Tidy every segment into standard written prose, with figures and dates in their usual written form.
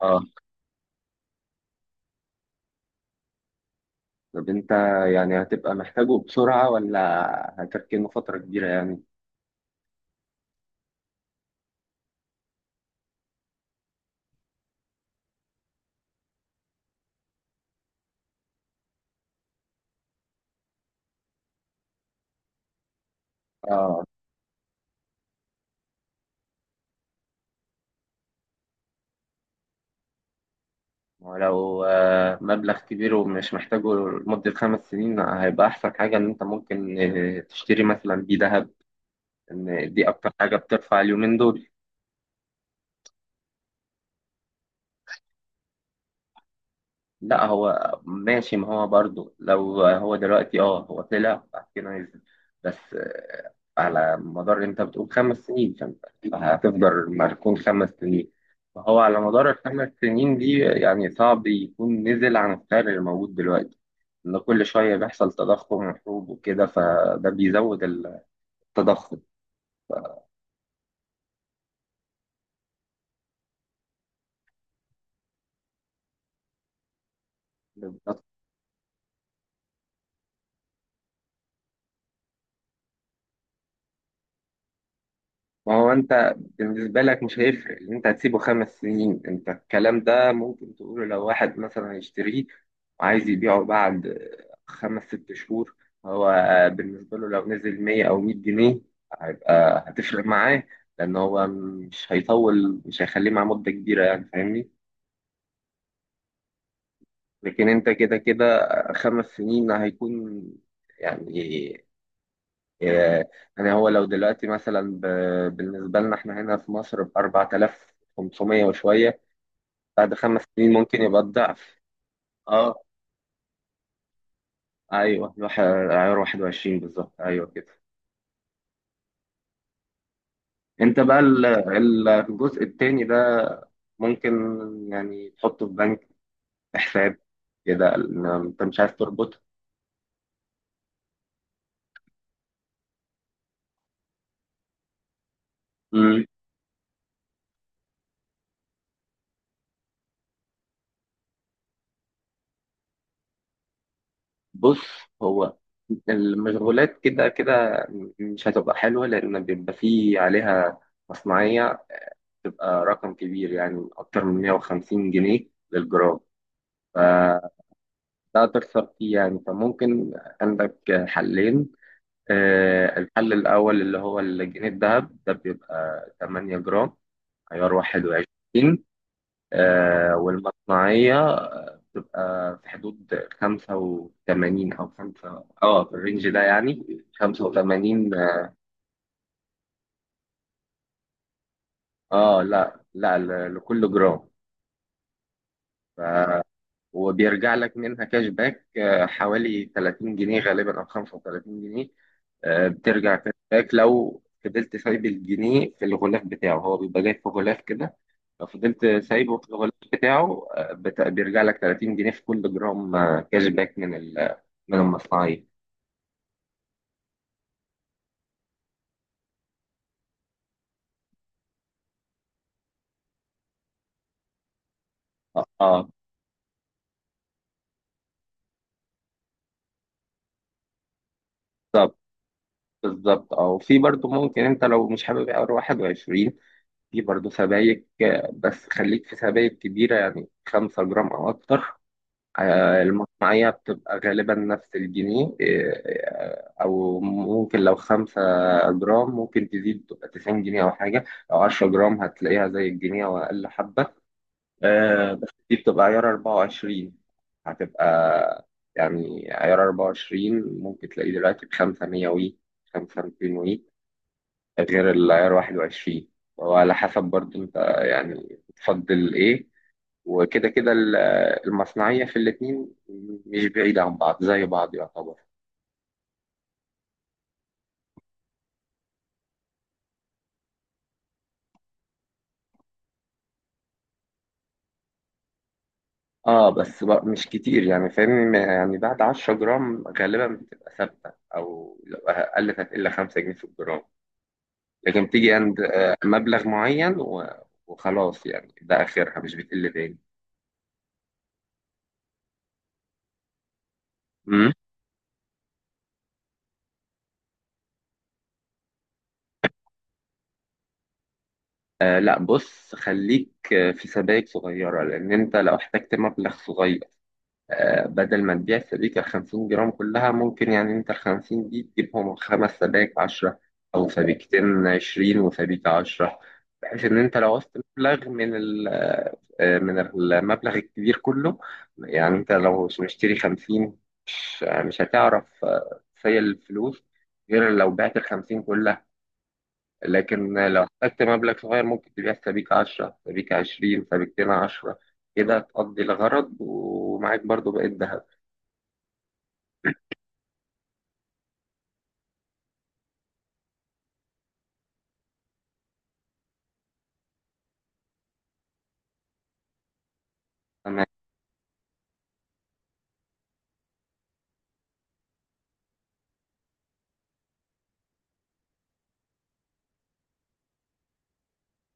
اه. طب انت، يعني هتبقى محتاجه بسرعة ولا هتركنه فترة كبيرة يعني. اه ولو مبلغ كبير ومش محتاجه لمدة خمس سنين، هيبقى أحسن حاجة إن أنت ممكن تشتري مثلا بيه ذهب. إن دي أكتر حاجة بترفع اليومين دول. لا هو ماشي، ما هو برضه لو هو دلوقتي هو طلع بعد كده نزل، بس على مدار انت بتقول خمس سنين، فانت هتفضل مركون خمس سنين، فهو على مدار الخمس سنين دي يعني صعب يكون نزل عن السعر اللي موجود دلوقتي. ان كل شوية بيحصل تضخم وحروب وكده، فده بيزود التضخم. ما هو انت بالنسبة لك مش هيفرق اللي انت هتسيبه خمس سنين. انت الكلام ده ممكن تقوله لو واحد مثلا هيشتريه وعايز يبيعه بعد خمس ست شهور، هو بالنسبة له لو نزل 100 او 100 جنيه هيبقى هتفرق معاه، لان هو مش هيطول، مش هيخليه مع مدة كبيرة يعني فاهمني. لكن انت كده كده خمس سنين هيكون يعني إيه، يعني هو لو دلوقتي مثلا بالنسبة لنا احنا هنا في مصر ب 4500 وشوية، بعد خمس سنين ممكن يبقى الضعف. اه ايوه عيار 21 بالظبط ايوه كده. انت بقى الجزء التاني ده ممكن يعني تحطه في بنك، في حساب كده، إن انت مش عايز تربطه. مم. بص، هو المشغولات كده كده مش هتبقى حلوة، لأن بيبقى فيه عليها مصنعية تبقى رقم كبير يعني أكتر من 150 جنيه للجرام، فده تخسر فيه يعني. فممكن عندك حلين. الحل الأول اللي هو الجنيه الذهب، ده بيبقى 8 جرام عيار 21، والمصنعية بتبقى في حدود 85 أو 5، في الرينج ده يعني، 85. اه لا لا ل- لكل جرام. وبيرجع لك منها كاش باك حوالي 30 جنيه غالبا او 35 جنيه. بترجع كاش باك لو فضلت سايب الجنيه في الغلاف بتاعه، هو بيبقى جاي في غلاف كده. لو فضلت سايبه في الغلاف بتاعه بيرجع لك 30 جنيه في كل جرام، كاش باك من من المصنعية. اه آه، بالظبط. اه، وفي برضو ممكن، انت لو مش حابب اقرا 21، في برضو سبائك، بس خليك في سبائك كبيرة، يعني 5 جرام او اكتر. المصنعية بتبقى غالبا نفس الجنيه، أو ممكن لو خمسة جرام ممكن تزيد تبقى تسعين جنيه أو حاجة. لو عشرة جرام هتلاقيها زي الجنيه أو أقل حبة، بس دي بتبقى عيار أربعة وعشرين. هتبقى يعني عيار أربعة وعشرين ممكن تلاقيه دلوقتي بخمسة مية وي، خمسة ميتين وي، غير العيار واحد وعشرين. وعلى حسب برضه أنت يعني بتفضل إيه. وكده كده المصنعية في الاتنين مش بعيدة عن بعض، زي بعض يعتبر. اه بس بقى مش كتير يعني فاهمني. يعني بعد 10 جرام غالبا بتبقى ثابتة، او لو قلت هتقل 5 جنيه في الجرام، لكن بتيجي عند مبلغ معين وخلاص يعني، ده اخرها مش بتقل تاني. مم. آه لا، بص خليك في سبائك صغيرة، لان انت لو احتجت مبلغ صغير، بدل ما تبيع السبيكة الخمسين جرام كلها، ممكن يعني أنت الخمسين دي تجيبهم خمس سبايك عشرة، أو سبيكتين عشرين وسبيكة عشرة، بحيث إن أنت لو عوزت مبلغ من من المبلغ الكبير كله. يعني أنت لو مشتري خمسين، مش هتعرف تسيل الفلوس غير لو بعت الخمسين كلها، لكن لو احتجت مبلغ صغير ممكن تبيع سبيكة عشرة، سبيكة عشرين، سبيكتين عشرة، كده تقضي الغرض ومعاك برضو بقيت ذهب.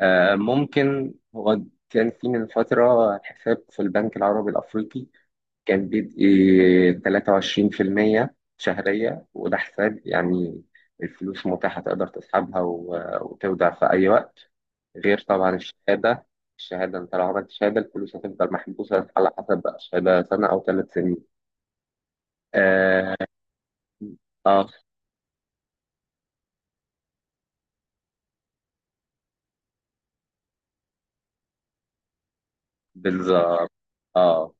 ممكن، هو كان في من فترة حساب في البنك العربي الأفريقي كان بيدي 23% شهرية، وده حساب يعني الفلوس متاحة، تقدر تسحبها وتودع في أي وقت، غير طبعا الشهادة. الشهادة أنت لو عملت شهادة، الفلوس هتفضل محبوسة على حسب بقى، شهادة سنة أو ثلاث سنين. آه, آه بالظبط آه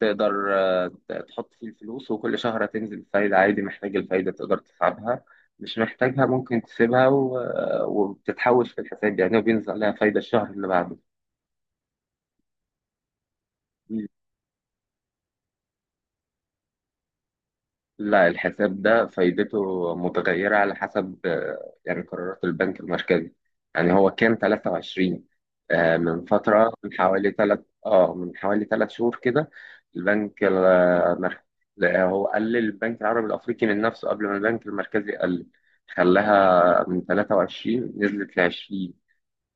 تقدر تحط فيه الفلوس، وكل شهر هتنزل فايدة عادي. محتاج الفايدة تقدر تسحبها، مش محتاجها ممكن تسيبها، وبتتحوش في الحساب يعني، وبينزل عليها فايدة الشهر اللي بعده. لا، الحساب ده فايدته متغيرة على حسب يعني قرارات البنك المركزي. يعني هو كان 23، من فترة، من حوالي ثلاث، اه من حوالي ثلاث شهور كده البنك المركزي، هو قلل البنك العربي الأفريقي من نفسه قبل ما البنك المركزي قلل. خلاها من 23 نزلت ل 20،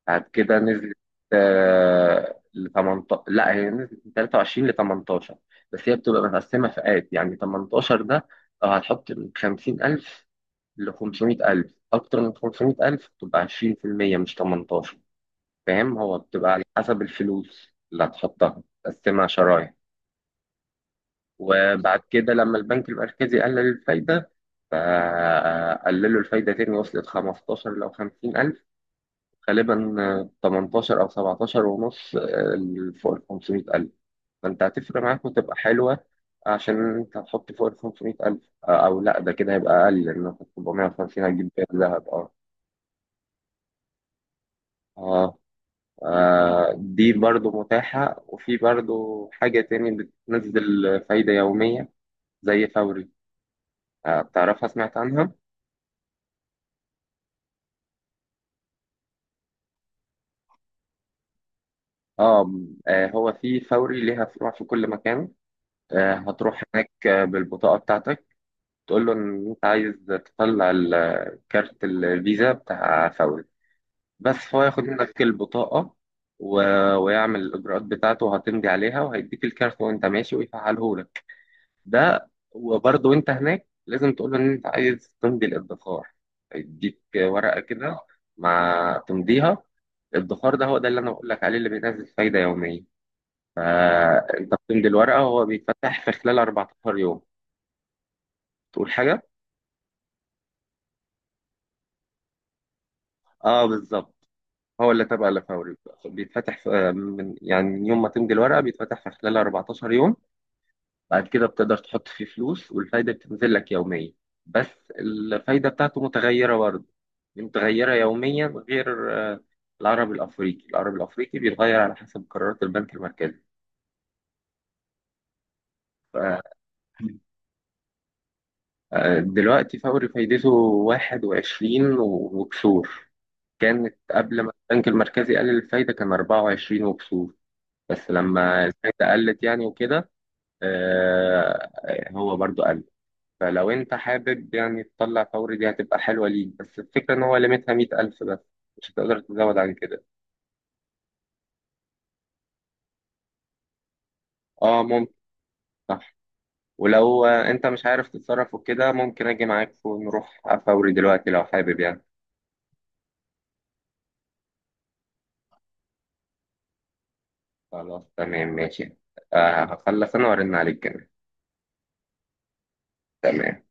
بعد كده نزلت ل 18، لا هي نزلت من 23 ل 18، بس هي بتبقى متقسمه فئات يعني. 18 ده لو هتحط من 50,000 ل 500,000. اكتر من 500,000 بتبقى 20%، مش 18، فاهم. هو بتبقى على حسب الفلوس اللي هتحطها تقسمها شرايح. وبعد كده لما البنك المركزي قلل الفايده، فقللوا الفايده تاني، وصلت 15 لو 50,000 غالبا، 18 أو 17 ونص فوق ال 500,000، فأنت هتفرق معاك وتبقى حلوة عشان أنت هتحط فوق ال 500,000. أو لأ ده كده هيبقى أقل، لأن 450 هتجيب فيها ذهب. أه آه آه، دي برضو متاحة. وفي برضو حاجة تاني بتنزل فايدة يومية زي فوري. بتعرفها؟ سمعت عنها؟ اه هو في فوري ليها فروع في كل مكان. هتروح هناك بالبطاقة بتاعتك، تقول له ان انت عايز تطلع كارت الفيزا بتاع فوري. بس هو ياخد منك البطاقة و... ويعمل الإجراءات بتاعته، وهتمضي عليها وهيديك الكارت وأنت ماشي ويفعله لك. ده، وبرضه وأنت هناك لازم تقول له إن أنت عايز تمضي الادخار. هيديك ورقة كده مع تمضيها. الادخار ده هو ده اللي أنا بقول لك عليه، اللي بينزل فايدة يومية. فأنت بتمضي الورقة وهو بيتفتح في خلال 14 يوم. تقول حاجة؟ آه بالظبط، هو اللي تبع لفوري. بيتفتح في يعني من يوم ما تمضي الورقة بيتفتح في خلال 14 يوم. بعد كده بتقدر تحط فيه فلوس، والفايدة بتنزل لك يوميا. بس الفايدة بتاعته متغيرة برضه، متغيرة يوميا غير العربي الأفريقي بيتغير على حسب قرارات البنك المركزي. ف- دلوقتي فوري فايدته 21 وكسور، كانت قبل ما البنك المركزي قلل الفايدة كان 24 وكسور، بس لما الفايدة قلت يعني وكده، هو برضو قال فلو انت حابب يعني تطلع فوري، دي هتبقى حلوة ليك، بس الفكرة ان هو ليميتها 100,000 بس، مش هتقدر تزود عن كده. اه ممكن، صح. ولو انت مش عارف تتصرف وكده، ممكن اجي معاك ونروح فوري دلوقتي لو حابب يعني. خلاص تمام ماشي. هخلص انا وارن عليك كمان. تمام.